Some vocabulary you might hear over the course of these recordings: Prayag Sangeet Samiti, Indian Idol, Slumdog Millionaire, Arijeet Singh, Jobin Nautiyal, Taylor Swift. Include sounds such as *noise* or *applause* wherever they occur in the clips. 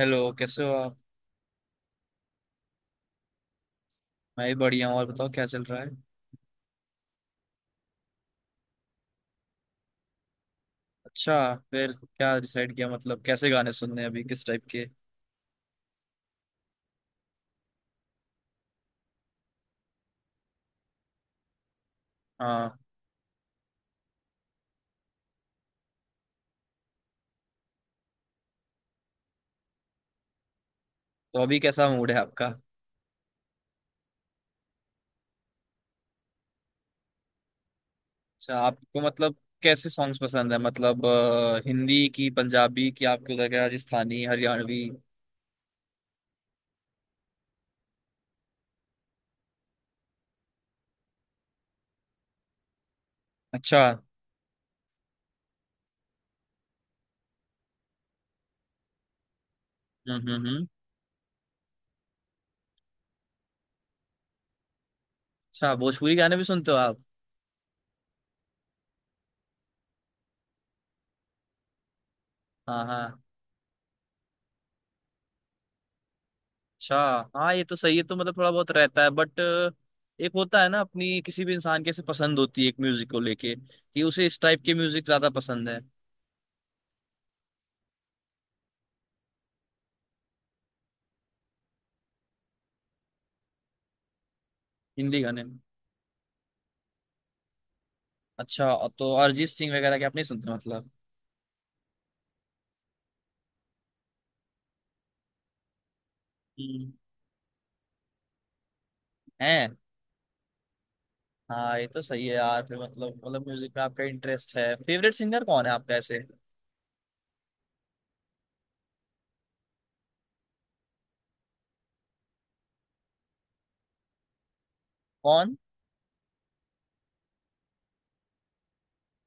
Hello, कैसे हो आप। मैं ही बढ़िया हूँ। और बताओ क्या चल रहा है। अच्छा, फिर क्या डिसाइड किया, मतलब कैसे गाने सुनने हैं अभी किस टाइप के। हाँ। तो अभी कैसा मूड है आपका। अच्छा, आपको मतलब कैसे सॉन्ग्स पसंद है, मतलब हिंदी की, पंजाबी की, आपको लग रहा है, राजस्थानी, हरियाणवी। अच्छा। हम्म, हम्म, हम्म। अच्छा, भोजपुरी गाने भी सुनते हो आप। हाँ, हाँ। अच्छा। हाँ, ये तो सही है। तो मतलब थोड़ा बहुत रहता है, बट एक होता है ना, अपनी किसी भी इंसान के से पसंद होती है एक म्यूजिक को लेके, कि उसे इस टाइप के म्यूजिक ज्यादा पसंद है। हिंदी गाने में। अच्छा, तो अरिजीत सिंह वगैरह के आप नहीं सुनते मतलब। हम्म। हैं। हाँ, ये तो सही है यार। फिर मतलब म्यूजिक में आपका इंटरेस्ट है, फेवरेट सिंगर कौन है आपका ऐसे। कौन।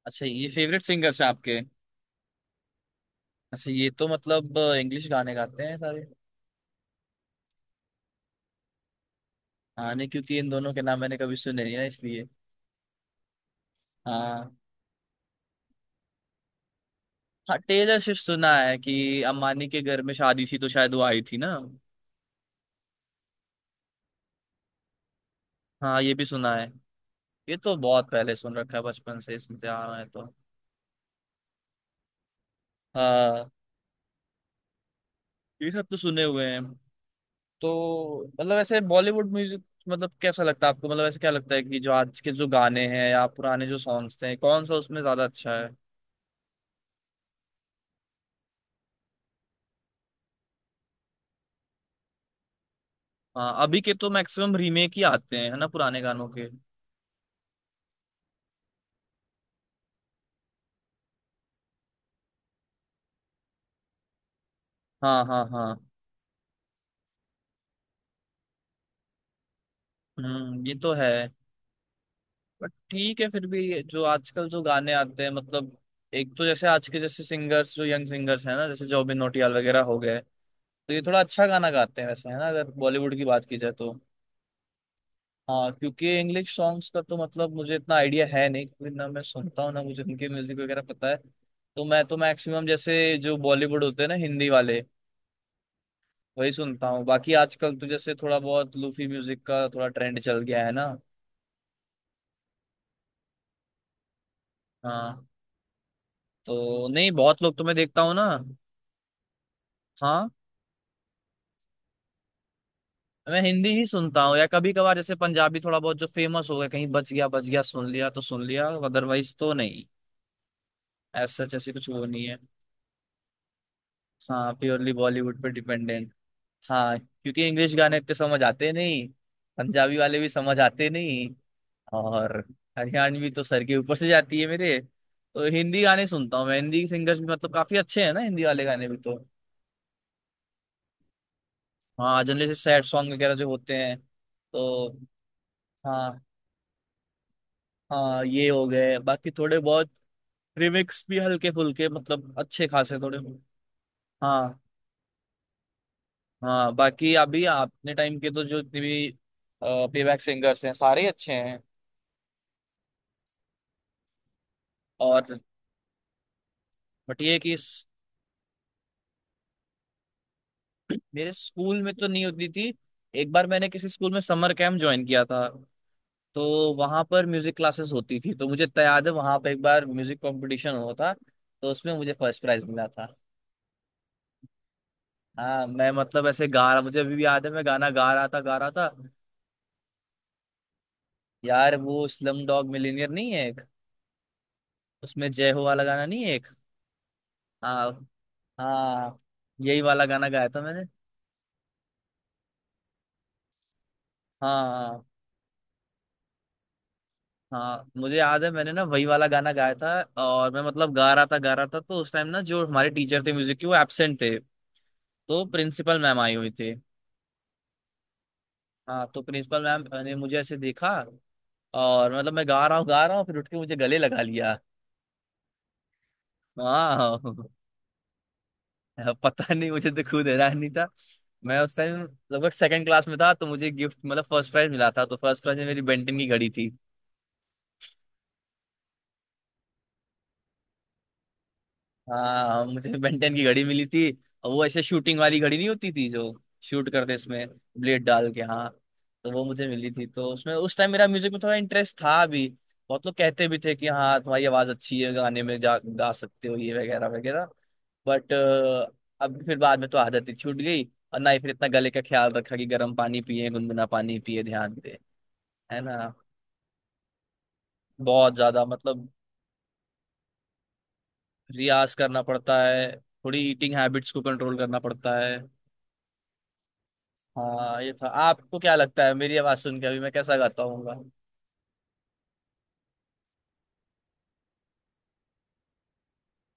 अच्छा, ये फेवरेट सिंगर्स हैं आपके। अच्छा, ये तो मतलब इंग्लिश गाने गाते हैं सारे। हाँ, नहीं क्योंकि इन दोनों के नाम मैंने कभी सुने नहीं ना इसलिए। हाँ। हाँ, टेलर स्विफ्ट सुना है, कि अम्बानी के घर में शादी थी तो शायद वो आई थी ना। हाँ, ये भी सुना है। ये तो बहुत पहले सुन रखा है, बचपन से ही सुनते आ रहे हैं तो। हाँ। ये सब तो सुने हुए हैं। तो मतलब ऐसे बॉलीवुड म्यूजिक। मतलब कैसा लगता है आपको, मतलब ऐसे क्या लगता है कि जो आज के जो गाने हैं या पुराने जो सॉन्ग्स थे, कौन सा उसमें ज्यादा अच्छा है। हाँ, अभी के तो मैक्सिमम रीमेक ही आते हैं है ना, पुराने गानों के। हाँ, हाँ, हाँ। हम्म, ये तो है। बट ठीक है, फिर भी जो आजकल जो गाने आते हैं मतलब। एक तो जैसे आज के जैसे सिंगर्स जो यंग सिंगर्स हैं ना, जैसे जॉबिन नौटियाल वगैरह हो गए। तो ये थोड़ा अच्छा गाना गाते हैं वैसे, है ना, अगर बॉलीवुड की बात की जाए तो। हाँ, क्योंकि इंग्लिश सॉन्ग्स का तो मतलब मुझे इतना आइडिया है नहीं, क्योंकि ना मैं सुनता हूँ ना मुझे उनके म्यूजिक वगैरह पता है। तो मैं तो मैक्सिमम जैसे जो बॉलीवुड होते हैं ना, हिंदी वाले। वही सुनता हूँ। बाकी आजकल तो जैसे थोड़ा बहुत लूफी म्यूजिक का थोड़ा ट्रेंड चल गया है ना। हाँ। तो नहीं, बहुत लोग तो मैं देखता हूँ ना। हाँ। मैं हिंदी ही सुनता हूँ, या कभी कभार जैसे पंजाबी थोड़ा बहुत जो फेमस हो गया, कहीं बच गया सुन लिया तो सुन लिया, अदरवाइज तो नहीं। ऐसा जैसे कुछ वो नहीं है। हाँ, प्योरली बॉलीवुड पे डिपेंडेंट। हाँ, क्योंकि इंग्लिश गाने इतने समझ आते नहीं। पंजाबी वाले भी समझ आते नहीं। और हरियाणवी तो सर के ऊपर से जाती है मेरे। तो हिंदी गाने सुनता हूँ मैं। हिंदी सिंगर्स भी मतलब काफी अच्छे हैं ना, हिंदी वाले गाने भी तो। हाँ, जनरली से सैड सॉन्ग वगैरह जो होते हैं तो। हाँ। हाँ, ये हो गए बाकी थोड़े बहुत। रिमिक्स भी हल्के फुल्के, मतलब अच्छे खासे थोड़े। हाँ। हाँ, बाकी अभी अपने टाइम के तो जो जितने भी प्लेबैक सिंगर्स हैं सारे अच्छे हैं। और। बट ये है कि। मेरे स्कूल में तो नहीं होती थी। एक बार मैंने किसी स्कूल में समर कैंप ज्वाइन किया था। तो वहां पर म्यूजिक क्लासेस होती थी, तो मुझे तो याद है वहां पर एक बार म्यूजिक कंपटीशन हुआ था। तो उसमें मुझे फर्स्ट प्राइज मिला था। हाँ, मैं मतलब ऐसे गा रहा, मुझे अभी भी याद है, मैं गाना गा रहा था, गा रहा था। यार, वो स्लम डॉग मिलियनेयर नहीं है एक। उसमें जय हो वाला गाना नहीं है एक। हाँ, हाँ। यही वाला गाना गाया था मैंने। हाँ। हाँ, मुझे याद है, मैंने ना वही वाला गाना गाया था। और मैं मतलब गा रहा था, गा रहा था, तो उस टाइम ना जो हमारे टीचर थे म्यूजिक के, वो एब्सेंट थे। तो प्रिंसिपल मैम आई हुई थी। हाँ, तो प्रिंसिपल मैम ने मुझे ऐसे देखा। और मतलब मैं गा रहा हूँ, गा रहा हूँ, फिर उठ के मुझे गले लगा लिया। हाँ। *laughs* पता नहीं, मुझे तो खुद हैरान नहीं था। मैं उस टाइम लगभग सेकंड क्लास में था, तो मुझे गिफ्ट मतलब फर्स्ट प्राइज मिला था। तो फर्स्ट प्राइज में मेरी बेंटन की घड़ी थी। हाँ, मुझे बेंटेन की घड़ी मिली थी। और वो ऐसे शूटिंग वाली घड़ी नहीं होती थी, जो शूट करते इसमें ब्लेड डाल के, हाँ। तो वो मुझे मिली थी, तो उसमें उस टाइम मेरा म्यूजिक में थोड़ा इंटरेस्ट था भी। बहुत लोग कहते भी थे कि हाँ, तुम्हारी आवाज अच्छी है, गाने में जा गा सकते हो, ये वगैरह वगैरह। बट। अब फिर बाद में तो आदत ही छूट गई। और ना ही फिर इतना गले का ख्याल रखा कि गर्म पानी पिए, गुनगुना पानी पिए, ध्यान दे। है ना। बहुत ज्यादा मतलब। रियाज करना पड़ता है, थोड़ी ईटिंग हैबिट्स को कंट्रोल करना पड़ता है। हाँ ये था। आपको क्या लगता है मेरी आवाज सुन के अभी मैं कैसा गाता हूँ।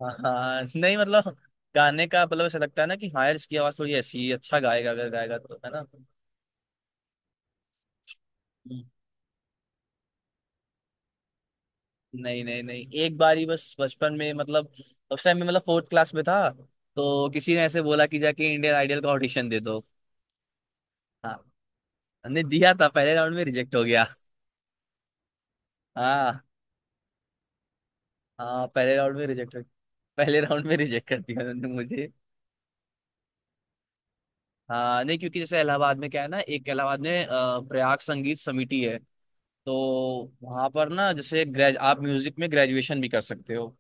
हाँ, नहीं मतलब। गाने का मतलब ऐसा लगता है ना, कि हाँ यार इसकी आवाज थोड़ी ऐसी है, अच्छा गाएगा अगर गाएगा तो, है ना। हम्म। नहीं, नहीं, नहीं, एक बार ही बस बचपन में मतलब। उस टाइम में मतलब फोर्थ क्लास में था। तो किसी ने ऐसे बोला कि जाके इंडियन आइडल का ऑडिशन दे दो। हाँ। हमने दिया था, पहले राउंड में रिजेक्ट हो गया। हाँ। हाँ, पहले राउंड में रिजेक्ट हो। पहले राउंड में रिजेक्ट कर दिया उन्होंने मुझे। हाँ, नहीं क्योंकि जैसे इलाहाबाद में क्या है ना, एक इलाहाबाद में प्रयाग संगीत समिति है। तो। वहां पर ना जैसे ग्रेज, आप म्यूजिक में ग्रेजुएशन भी कर सकते हो।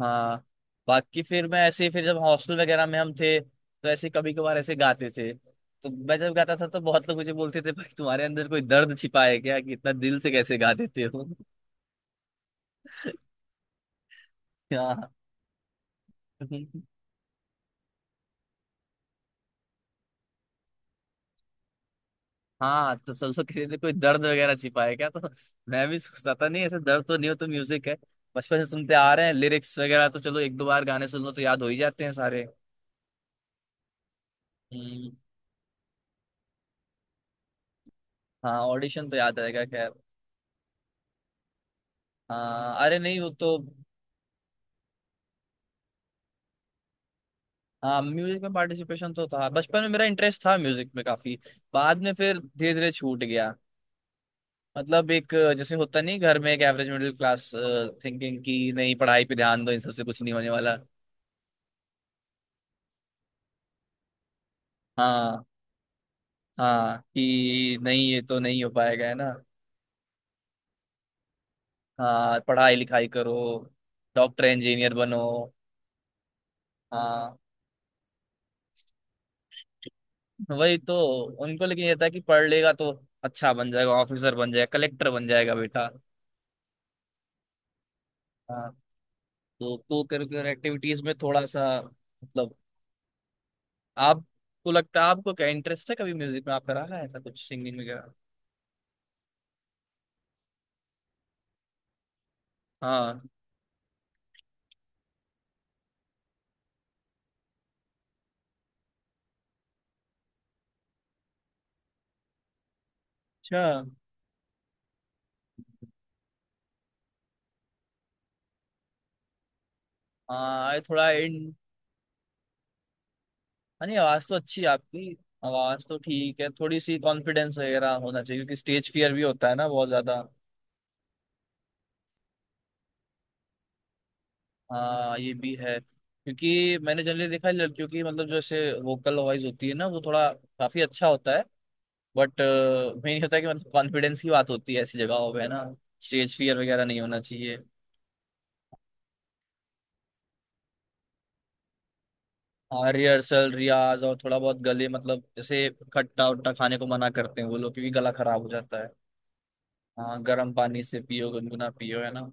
हाँ। बाकी फिर मैं ऐसे ही, फिर जब हॉस्टल वगैरह में हम थे तो ऐसे कभी कभार ऐसे गाते थे, तो मैं जब गाता था तो बहुत लोग मुझे बोलते थे, भाई तुम्हारे अंदर कोई दर्द छिपा है क्या, कि इतना दिल से कैसे गा देते हो। *laughs* हाँ। हाँ, तो सोचो किसी ने कोई दर्द वगैरह छिपा है क्या तो। मैं भी सोचता था, नहीं ऐसे दर्द तो नहीं हो तो, म्यूजिक है। बचपन से सुनते आ रहे हैं, लिरिक्स वगैरह तो चलो एक दो बार गाने सुन लो तो याद हो ही जाते हैं सारे। हम्म, हाँ, ऑडिशन तो याद रहेगा खैर। हाँ, अरे नहीं वो तो। हाँ, म्यूजिक में पार्टिसिपेशन तो था, बचपन में मेरा इंटरेस्ट था म्यूजिक में काफी। बाद में फिर धीरे धीरे छूट गया। मतलब एक, जैसे होता नहीं घर में, एक एवरेज मिडिल क्लास थिंकिंग की, नहीं पढ़ाई पे ध्यान दो, इन सबसे कुछ नहीं होने वाला। हाँ। हाँ, कि नहीं ये तो नहीं हो पाएगा है ना। हाँ, पढ़ाई लिखाई करो। डॉक्टर इंजीनियर बनो। हाँ। वही तो। उनको लेकिन ये था कि पढ़ लेगा तो अच्छा बन जाएगा, ऑफिसर बन जाएगा, कलेक्टर बन जाएगा बेटा। हाँ। तो को करिकुलर एक्टिविटीज में थोड़ा सा मतलब। आपको लगता है, आपको क्या इंटरेस्ट है, कभी म्यूजिक में आप करा रहा है ऐसा कुछ, सिंगिंग वगैरह। हाँ। अच्छा। हाँ, ये थोड़ा। हाँ, नहीं आवाज तो अच्छी है आपकी। आवाज तो ठीक है, थोड़ी सी कॉन्फिडेंस वगैरह होना चाहिए, क्योंकि स्टेज फियर भी होता है ना बहुत ज्यादा। हाँ, ये भी है, क्योंकि मैंने जनरली देखा है, लड़कियों की मतलब जो ऐसे वोकल वॉइस होती है ना वो थोड़ा काफी अच्छा होता है। बट। मेन होता है कि मतलब कॉन्फिडेंस की बात होती है ऐसी जगहों पे, है ना। स्टेज फियर वगैरह नहीं होना चाहिए। हाँ, रिहर्सल रियाज और थोड़ा बहुत गले मतलब जैसे खट्टा उट्टा खाने को मना करते हैं वो लोग, क्योंकि गला खराब हो जाता है। हाँ, गर्म पानी से पियो, गुनगुना पियो, है ना।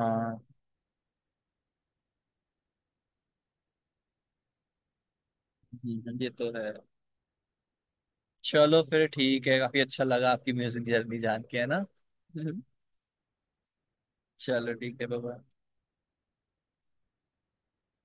हाँ। ये तो है। चलो फिर ठीक है, काफी अच्छा लगा आपकी म्यूजिक जर्नी जान के, है ना। हम्म। चलो ठीक है बाबा।